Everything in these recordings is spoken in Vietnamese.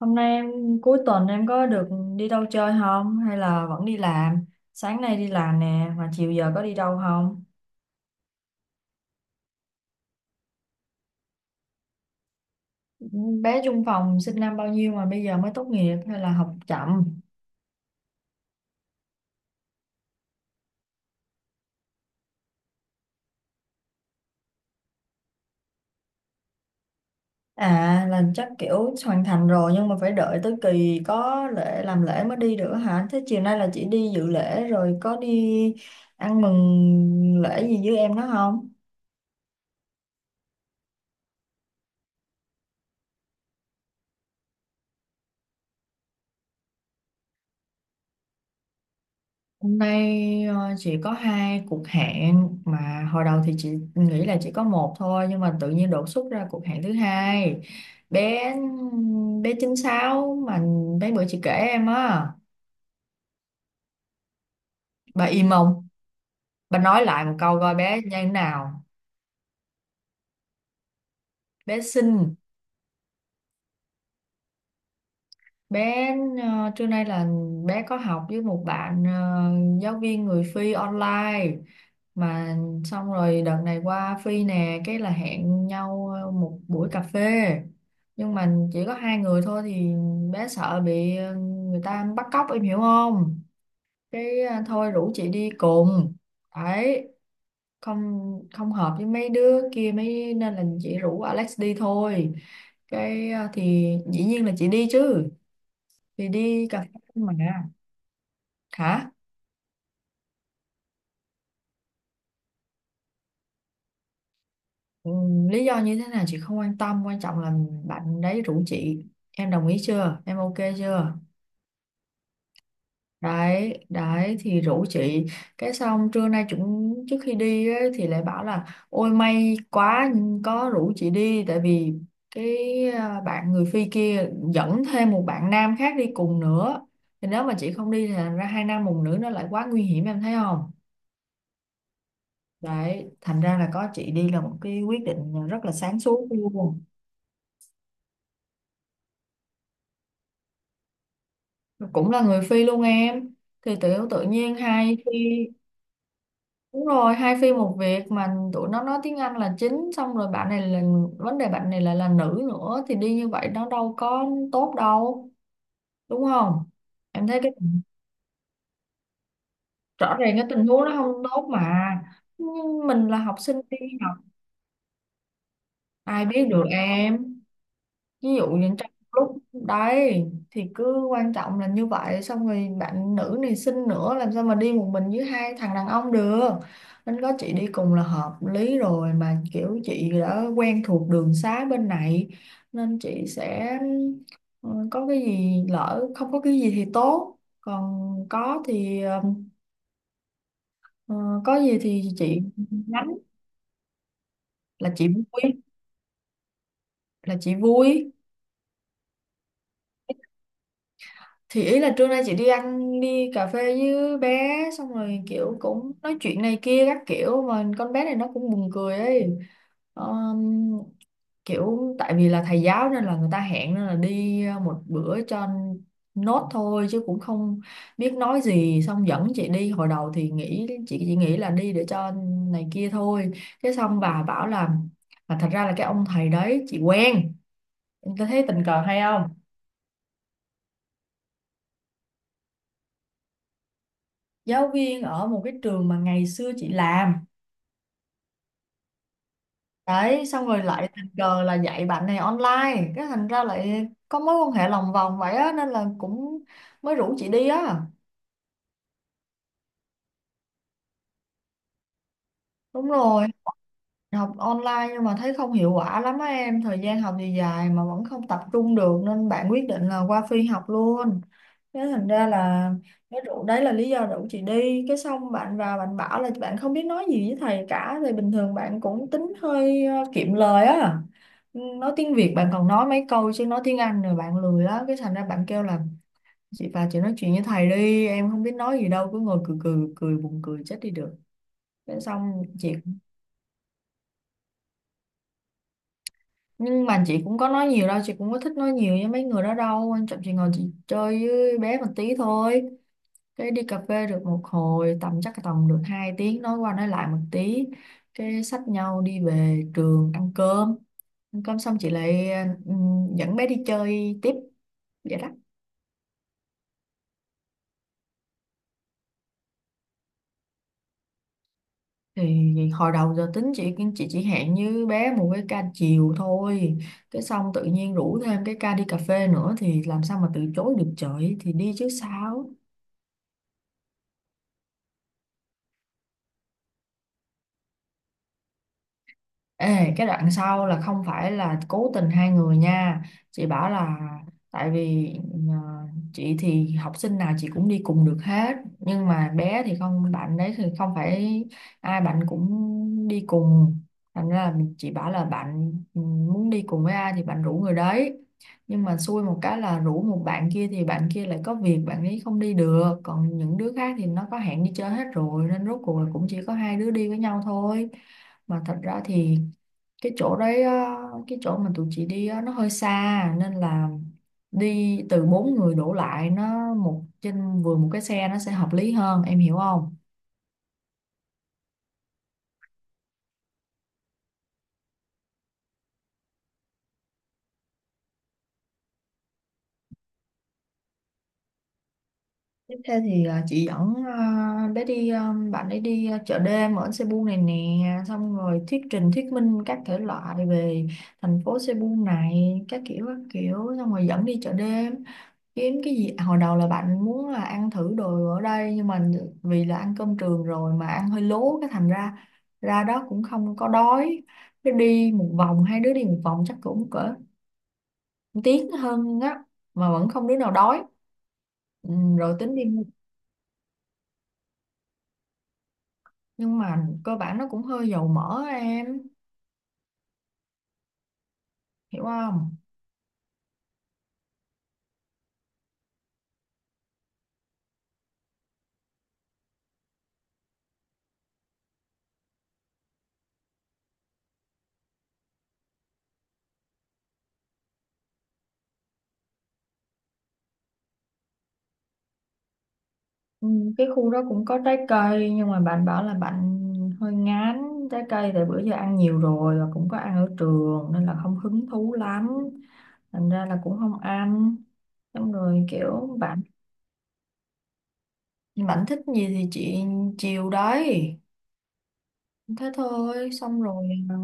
Hôm nay em Cuối tuần em có được đi đâu chơi không hay là vẫn đi làm? Sáng nay đi làm nè mà chiều giờ có đi đâu không? Bé chung phòng sinh năm bao nhiêu mà bây giờ mới tốt nghiệp hay là học chậm? À, là chắc kiểu hoàn thành rồi nhưng mà phải đợi tới kỳ có lễ làm lễ mới đi được hả? Thế chiều nay là chị đi dự lễ rồi có đi ăn mừng lễ gì với em đó không? Hôm nay chỉ có hai cuộc hẹn, mà hồi đầu thì chị nghĩ là chỉ có một thôi, nhưng mà tự nhiên đột xuất ra cuộc hẹn thứ hai. Bé bé 96 mà, mấy bữa chị kể em á. Bà im không? Bà nói lại một câu coi bé như thế nào. Bé xinh. bé Trưa nay là bé có học với một bạn, giáo viên người Phi online, mà xong rồi đợt này qua Phi nè, cái là hẹn nhau một buổi cà phê. Nhưng mà chỉ có hai người thôi thì bé sợ bị, người ta bắt cóc, em hiểu không? Cái, thôi rủ chị đi cùng đấy. Không không hợp với mấy đứa kia mấy nên là chị rủ Alex đi thôi. Cái, thì dĩ nhiên là chị đi chứ, thì đi cà phê mà. Hả? Ừ, lý do như thế nào chị không quan tâm, quan trọng là bạn đấy rủ chị. Em đồng ý chưa, em ok chưa? Đấy đấy, thì rủ chị. Cái xong trưa nay chúng trước khi đi ấy, thì lại bảo là ôi may quá có rủ chị đi, tại vì cái, à, bạn người Phi kia dẫn thêm một bạn nam khác đi cùng nữa. Thì nếu mà chị không đi thì thành ra hai nam một nữ, nó lại quá nguy hiểm, em thấy không? Đấy, thành ra là có chị đi là một cái quyết định rất là sáng suốt luôn. Cũng là người Phi luôn em. Thì tự tự nhiên hai Phi, đúng rồi, hai Phi một việc, mà tụi nó nói tiếng Anh là chính, xong rồi bạn này là, vấn đề bạn này là nữ nữa, thì đi như vậy nó đâu có tốt đâu, đúng không? Em thấy cái, rõ ràng cái tình huống nó không tốt mà. Nhưng mình là học sinh đi học, ai biết được em. Ví dụ như trong lúc đấy, thì cứ quan trọng là như vậy, xong rồi bạn nữ này xinh nữa, làm sao mà đi một mình với hai thằng đàn ông được, nên có chị đi cùng là hợp lý rồi mà, kiểu chị đã quen thuộc đường xá bên này nên chị sẽ, ừ, có cái gì lỡ, không có cái gì thì tốt, còn có thì ờ, có gì thì chị nhắn, là chị vui, là chị vui. Thì ý là trưa nay chị đi ăn đi cà phê với bé, xong rồi kiểu cũng nói chuyện này kia các kiểu, mà con bé này nó cũng buồn cười ấy. Ờm, Kiểu tại vì là thầy giáo nên là người ta hẹn, nên là đi một bữa cho nốt thôi chứ cũng không biết nói gì, xong dẫn chị đi. Hồi đầu thì nghĩ chị chỉ nghĩ là đi để cho này kia thôi. Cái xong bà bảo là, mà thật ra là cái ông thầy đấy chị quen, em thấy tình cờ hay không? Giáo viên ở một cái trường mà ngày xưa chị làm đấy, xong rồi lại tình cờ là dạy bạn này online, cái thành ra lại có mối quan hệ lòng vòng vậy á, nên là cũng mới rủ chị đi á. Đúng rồi. Học online nhưng mà thấy không hiệu quả lắm á em, thời gian học thì dài mà vẫn không tập trung được, nên bạn quyết định là qua Phi học luôn. Thế thành ra là cái rủ đấy là lý do rủ chị đi. Cái xong bạn vào bạn bảo là bạn không biết nói gì với thầy cả, thì bình thường bạn cũng tính hơi kiệm lời á. Ừ, nói tiếng Việt bạn còn nói mấy câu, chứ nói tiếng Anh rồi bạn lười á, cái thành ra bạn kêu là chị vào chị nói chuyện với thầy đi, em không biết nói gì đâu, cứ ngồi cười cười cười, buồn cười chết đi được. Thế xong chị, nhưng mà chị cũng có nói nhiều đâu, chị cũng có thích nói nhiều với mấy người đó đâu, quan trọng chị ngồi chị chơi với bé một tí thôi. Cái đi cà phê được một hồi, tầm chắc tầm được 2 tiếng nói qua nói lại một tí, cái xách nhau đi về trường ăn cơm. Ăn cơm xong chị lại dẫn bé đi chơi tiếp, vậy đó. Thì hồi đầu giờ tính chị chỉ hẹn như bé một cái ca chiều thôi, cái xong tự nhiên rủ thêm cái ca đi cà phê nữa, thì làm sao mà từ chối được trời, thì đi chứ sao. Ê, cái đoạn sau là không phải là cố tình hai người nha. Chị bảo là, tại vì ờ, chị thì học sinh nào chị cũng đi cùng được hết, nhưng mà bé thì không, bạn đấy thì không phải ai bạn cũng đi cùng. Thành ra là chị bảo là bạn, muốn đi cùng với ai thì bạn rủ người đấy. Nhưng mà xui một cái là rủ một bạn kia thì bạn kia lại có việc, bạn ấy không đi được, còn những đứa khác thì nó có hẹn đi chơi hết rồi, nên rốt cuộc là cũng chỉ có hai đứa đi với nhau thôi. Mà thật ra thì cái chỗ đấy á, cái chỗ mà tụi chị đi á, nó hơi xa, nên là đi từ bốn người đổ lại, nó một trên vừa một cái xe nó sẽ hợp lý hơn, em hiểu không? Tiếp theo thì à, chị dẫn, à, bé đi, à, bạn ấy đi, à, chợ đêm ở Cebu này nè, xong rồi thuyết trình thuyết minh các thể loại về thành phố Cebu này các kiểu các kiểu, xong rồi dẫn đi chợ đêm kiếm cái gì. À, hồi đầu là bạn muốn là ăn thử đồ ở đây, nhưng mà vì là ăn cơm trường rồi mà ăn hơi lố, cái thành ra ra đó cũng không có đói. Cái đi một vòng, hai đứa đi một vòng chắc cũng cỡ 1 tiếng hơn á, mà vẫn không đứa nào đói. Ừ, rồi tính đi mua. Nhưng mà cơ bản nó cũng hơi dầu mỡ, em hiểu không? Ừ, cái khu đó cũng có trái cây, nhưng mà bạn bảo là bạn hơi ngán trái cây, tại bữa giờ ăn nhiều rồi, và cũng có ăn ở trường nên là không hứng thú lắm, thành ra là cũng không ăn. Xong rồi kiểu bạn bạn thích gì thì chị chiều đấy, thế thôi. Xong rồi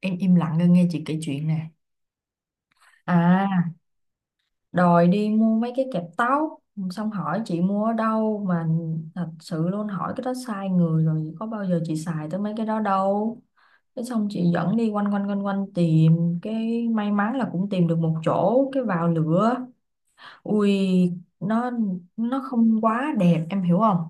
em im lặng nghe nghe chị kể chuyện nè, à, đòi đi mua mấy cái kẹp tóc, xong hỏi chị mua ở đâu. Mà thật sự luôn, hỏi cái đó sai người rồi, có bao giờ chị xài tới mấy cái đó đâu. Thế xong chị dẫn đi quanh quanh quanh quanh tìm cái, may mắn là cũng tìm được một chỗ, cái vào lửa. Ui, nó nó không quá đẹp, em hiểu không?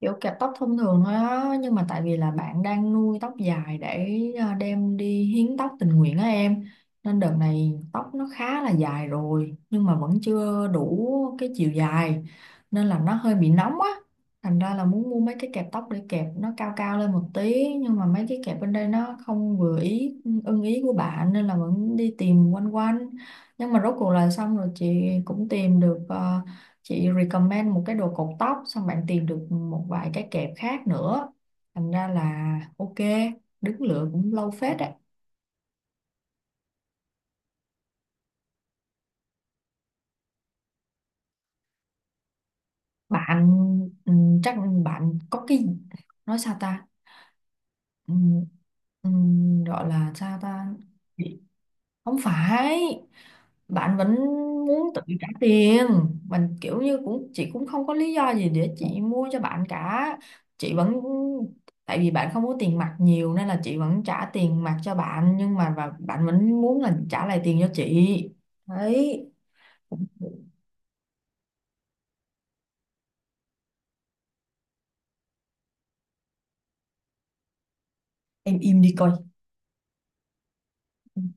Kiểu kẹp tóc thông thường thôi á, nhưng mà tại vì là bạn đang nuôi tóc dài để, à, đem đi hiến tóc tình nguyện á em, nên đợt này tóc nó khá là dài rồi nhưng mà vẫn chưa đủ cái chiều dài, nên là nó hơi bị nóng á, thành ra là muốn mua mấy cái kẹp tóc để kẹp nó cao cao lên một tí, nhưng mà mấy cái kẹp bên đây nó không vừa ý, ưng ý của bạn, nên là vẫn đi tìm quanh quanh. Nhưng mà rốt cuộc là xong rồi chị cũng tìm được, chị recommend một cái đồ cột tóc, xong bạn tìm được một vài cái kẹp khác nữa, thành ra là ok. Đứng lựa cũng lâu phết đấy. Bạn, ừ, chắc bạn có cái, nói sao ta. Ừ, ừ, gọi là sao ta. Không phải, bạn vẫn muốn tự trả tiền. Mình kiểu như cũng, chị cũng không có lý do gì để chị mua cho bạn cả. Chị vẫn, tại vì bạn không có tiền mặt nhiều nên là chị vẫn trả tiền mặt cho bạn, nhưng mà, và bạn vẫn muốn là trả lại tiền cho chị đấy. Em im đi coi.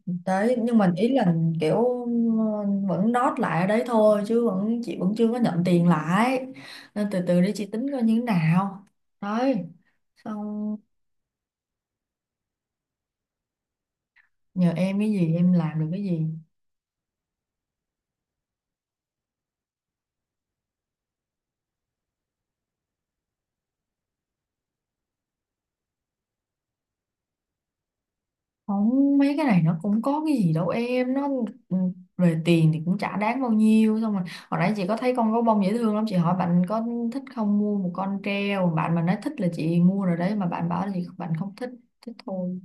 Đấy, nhưng mà ý là kiểu vẫn đót lại ở đấy thôi, chứ vẫn, chị vẫn chưa có nhận tiền lại, nên từ từ để chị tính coi như thế nào đấy, xong. Nhờ em cái gì, em làm được cái gì? Không, mấy cái này nó cũng có cái gì đâu em, nó, ừ, về tiền thì cũng chả đáng bao nhiêu. Xong rồi hồi nãy chị có thấy con gấu bông dễ thương lắm, chị hỏi bạn có thích không, mua một con treo, bạn mà nói thích là chị mua rồi đấy, mà bạn bảo là, chị, bạn không thích, thích thôi.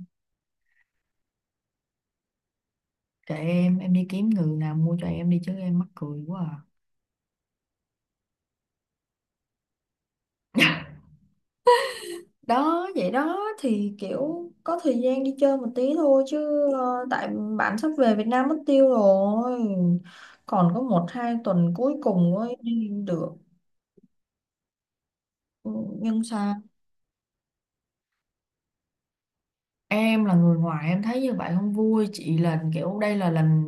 Kệ em đi kiếm người nào mua cho em đi chứ, em mắc cười quá à. Đó, vậy đó thì kiểu có thời gian đi chơi một tí thôi chứ, tại bạn sắp về Việt Nam mất tiêu rồi, còn có một hai tuần cuối cùng mới đi được. Ừ, nhưng sao. Em là người ngoài em thấy như vậy không vui, chị là kiểu đây là lần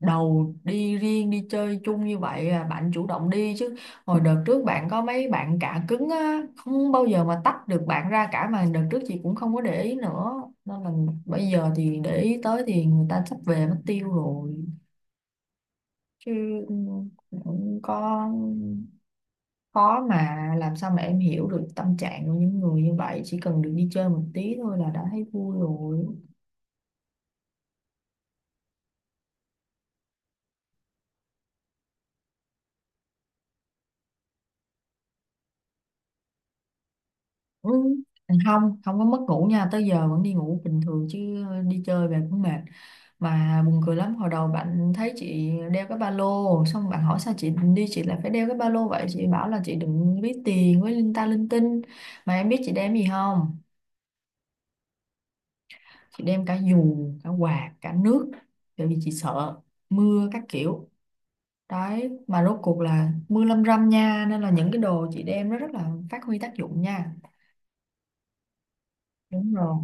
đầu đi riêng đi chơi chung như vậy, à, bạn chủ động đi chứ. Hồi đợt trước bạn có mấy bạn cả cứng á, không bao giờ mà tách được bạn ra cả, mà đợt trước chị cũng không có để ý nữa, nên là bây giờ thì để ý tới thì người ta sắp về mất tiêu rồi. Chứ, ừ, cũng có khó, mà làm sao mà em hiểu được tâm trạng của những người như vậy. Chỉ cần được đi chơi một tí thôi là đã thấy vui rồi. Ừ. Không, không có mất ngủ nha, tới giờ vẫn đi ngủ bình thường chứ đi chơi về cũng mệt. Mà buồn cười lắm, hồi đầu bạn thấy chị đeo cái ba lô, xong bạn hỏi sao chị đi chị lại phải đeo cái ba lô vậy, chị bảo là chị đừng ví tiền với linh ta linh tinh. Mà em biết chị đem gì không? Chị đem cả dù, cả quạt, cả nước, bởi vì chị sợ mưa các kiểu. Đấy, mà rốt cuộc là mưa lâm râm nha, nên là những cái đồ chị đem nó rất là phát huy tác dụng nha. Đúng rồi.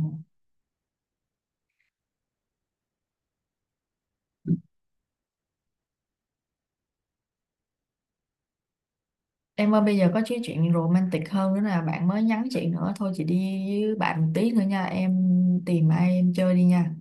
Em ơi bây giờ có cái chuyện romantic hơn nữa là bạn mới nhắn chị nữa, thôi chị đi với bạn một tí nữa nha, em tìm ai em chơi đi nha.